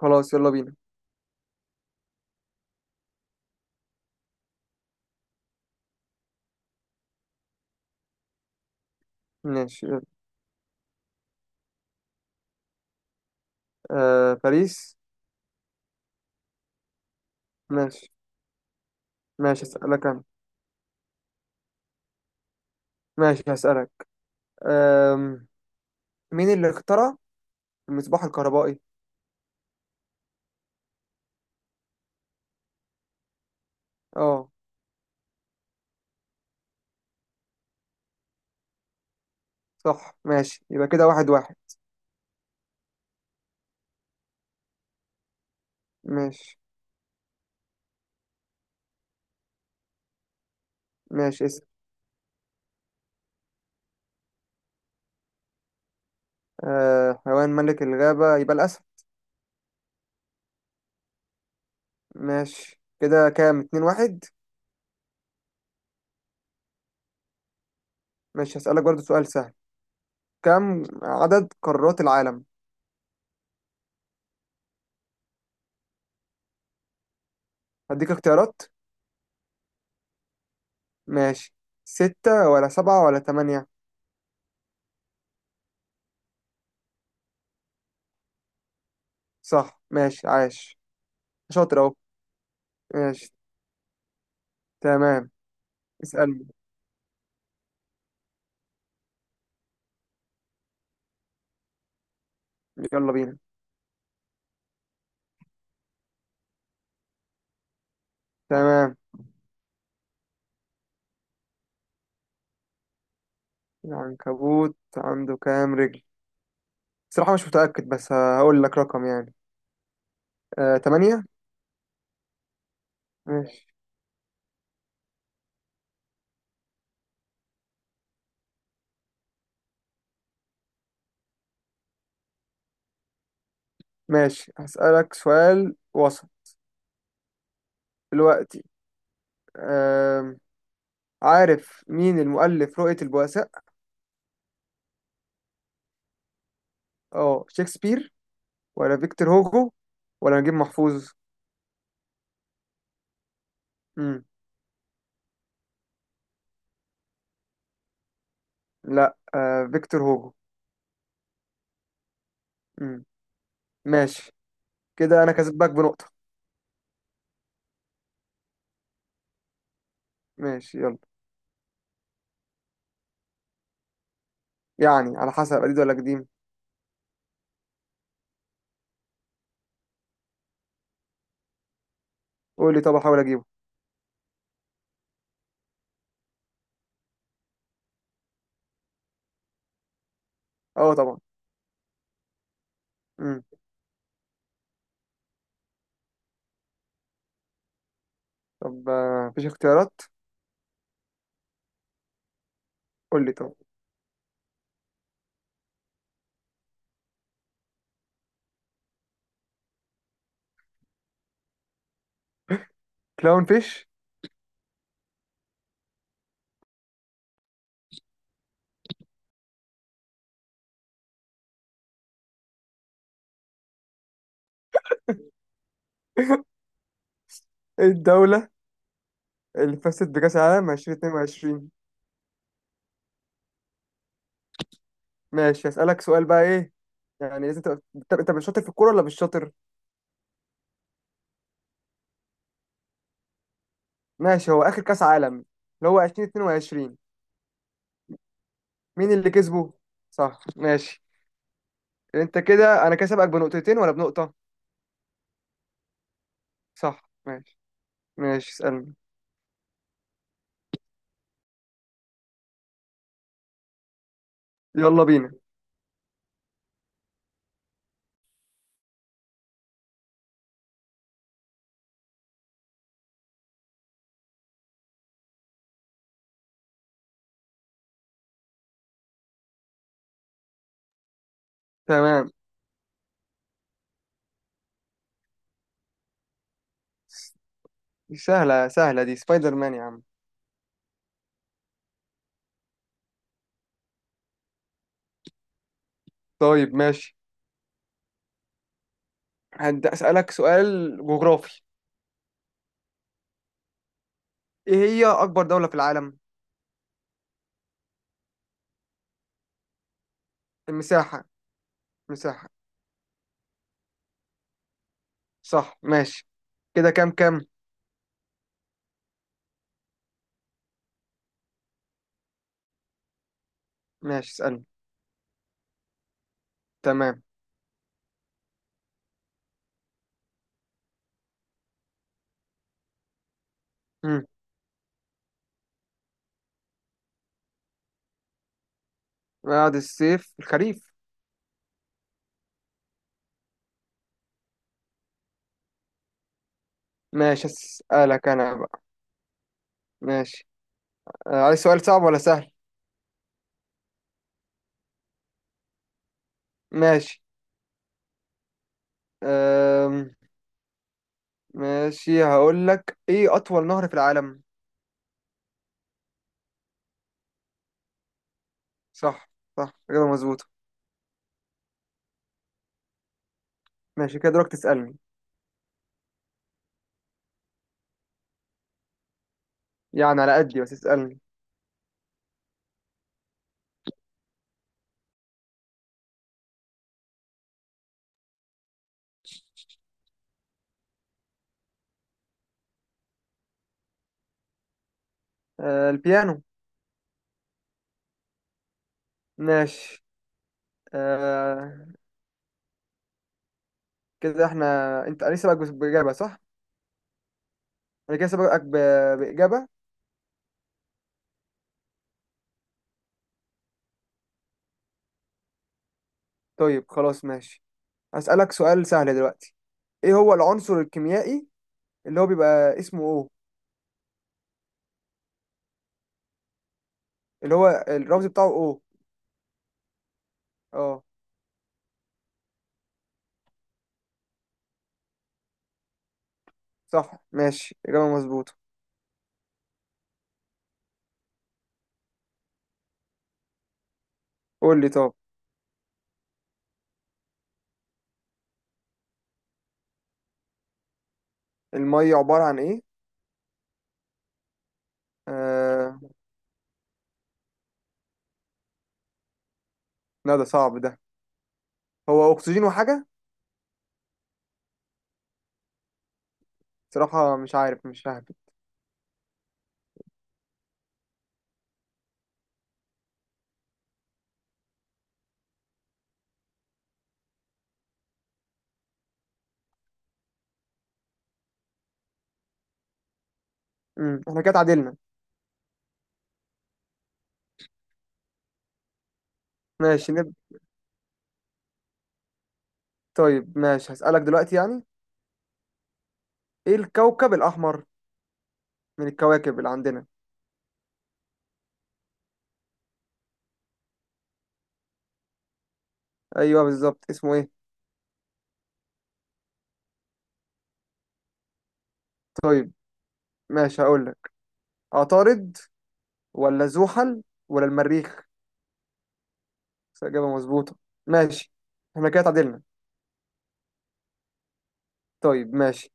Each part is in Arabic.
خلاص، يلا بينا. ماشي، يلا. آه، باريس. ماشي. ماشي، هسألك أنا. ماشي، هسألك. آم، مين اللي اخترع المصباح الكهربائي؟ اه. صح، ماشي، يبقى كده واحد واحد. ماشي. ماشي، اسأل. آه، حيوان ملك الغابة يبقى الأسد. ماشي، كده كام؟ اتنين واحد. ماشي، هسألك برضو سؤال سهل. كم عدد قارات العالم؟ هديك اختيارات. ماشي. ستة ولا سبعة ولا تمانية؟ صح، ماشي، عاش. شاطر أهو. ماشي. تمام. اسألني. يلا بينا. تمام. العنكبوت عنده كام رجل؟ صراحة مش متأكد بس هقول لك رقم يعني. تمانية. ماشي. ماشي، هسألك سؤال وسط. دلوقتي. آم، عارف مين المؤلف رؤية البؤساء؟ اه، شكسبير ولا فيكتور هوجو ولا نجيب محفوظ؟ مم. لا، فيكتور هوجو. مم. ماشي. كده انا كسبك بنقطة. ماشي، يلا. يعني على حسب، قديم ولا قديم؟ قول لي طب، احاول اجيبه. اه طبعا. مم. طب، مفيش اختيارات؟ قول لي طب. كلاون فيش. ايه الدولة اللي فازت بكأس العالم 2022؟ ماشي، هسألك سؤال بقى، ايه يعني؟ لازم تبقى انت، مش شاطر في الكورة ولا مش شاطر. ماشي. هو آخر كأس عالم اللي هو 2022، مين اللي كسبه؟ صح، ماشي. انت كده انا كسبك بنقطتين ولا بنقطة؟ صح، ماشي. ماشي، اسألني. يلا بينا. تمام. سهلة سهلة، دي سبايدر مان يا عم. طيب، ماشي. هبدأ أسألك سؤال جغرافي. ايه هي أكبر دولة في العالم؟ المساحة. مساحة. صح، ماشي. كده كام كام؟ ماشي، اسألني. تمام. مم. بعد الصيف الخريف. ماشي، اسألك أنا بقى. ماشي. عايز سؤال صعب ولا سهل؟ ماشي. أم... ماشي، هقول لك، إيه أطول نهر في العالم؟ صح. صح، كده مظبوطة. ماشي، كده دورك تسألني. يعني على قدي، بس اسألني. أه، البيانو. ماشي. أه. كده احنا، انا سبقك بإجابة، صح؟ انا كده سبقك بإجابة. طيب خلاص ماشي. هسألك سؤال سهل دلوقتي. ايه هو العنصر الكيميائي اللي هو بيبقى اسمه او، اللي هو الرمز بتاعه او؟ اه. صح، ماشي، إجابة مظبوطة. قول لي طب. المية عبارة عن ايه؟ آه... لا، ده صعب ده. هو اكسجين وحاجة. صراحة مش عارف، مش ههبد. احنا كده اتعادلنا. ماشي طيب ماشي، هسألك دلوقتي يعني. ايه الكوكب الأحمر من الكواكب اللي عندنا؟ ايوه بالظبط، اسمه ايه؟ طيب ماشي، هقول لك. عطارد ولا زحل ولا المريخ؟ بس إجابة مظبوطة. ماشي. احنا كده اتعادلنا. طيب ماشي.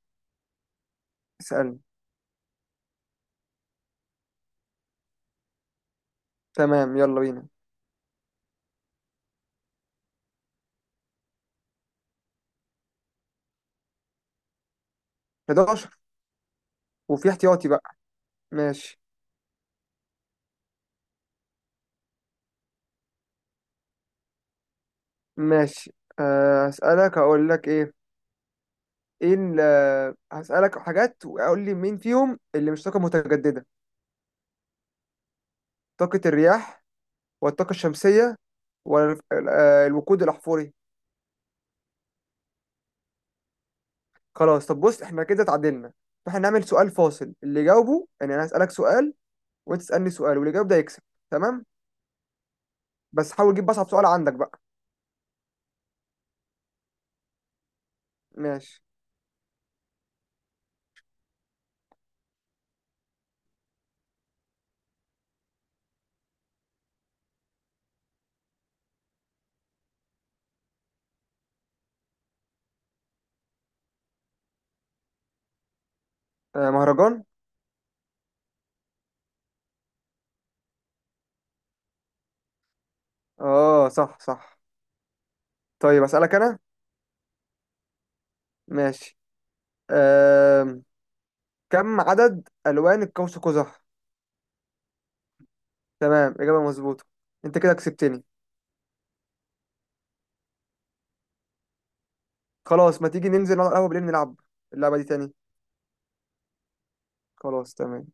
اسألني. تمام. يلا بينا. 11. وفي احتياطي بقى. ماشي. ماشي. هسألك، هقول لك ايه. ايه هسألك حاجات وأقول لي مين فيهم اللي مش طاقة متجددة. طاقة الرياح ولا الطاقة الشمسية ولا الوقود الأحفوري. خلاص، طب بص، احنا كده اتعادلنا. فاحنا نعمل سؤال فاصل اللي يجاوبه، يعني انا هسألك سؤال وانت تسألني سؤال واللي يجاوب ده يكسب. تمام. بس حاول تجيب اصعب سؤال عندك بقى. ماشي. مهرجان. اه، صح صح. طيب اسالك انا. ماشي. آه، كم عدد الوان القوس قزح؟ تمام، اجابه مظبوطه. انت كده كسبتني. خلاص، ما تيجي ننزل نقعد على القهوه بالليل نلعب اللعبه دي تاني؟ خلاص، تمام.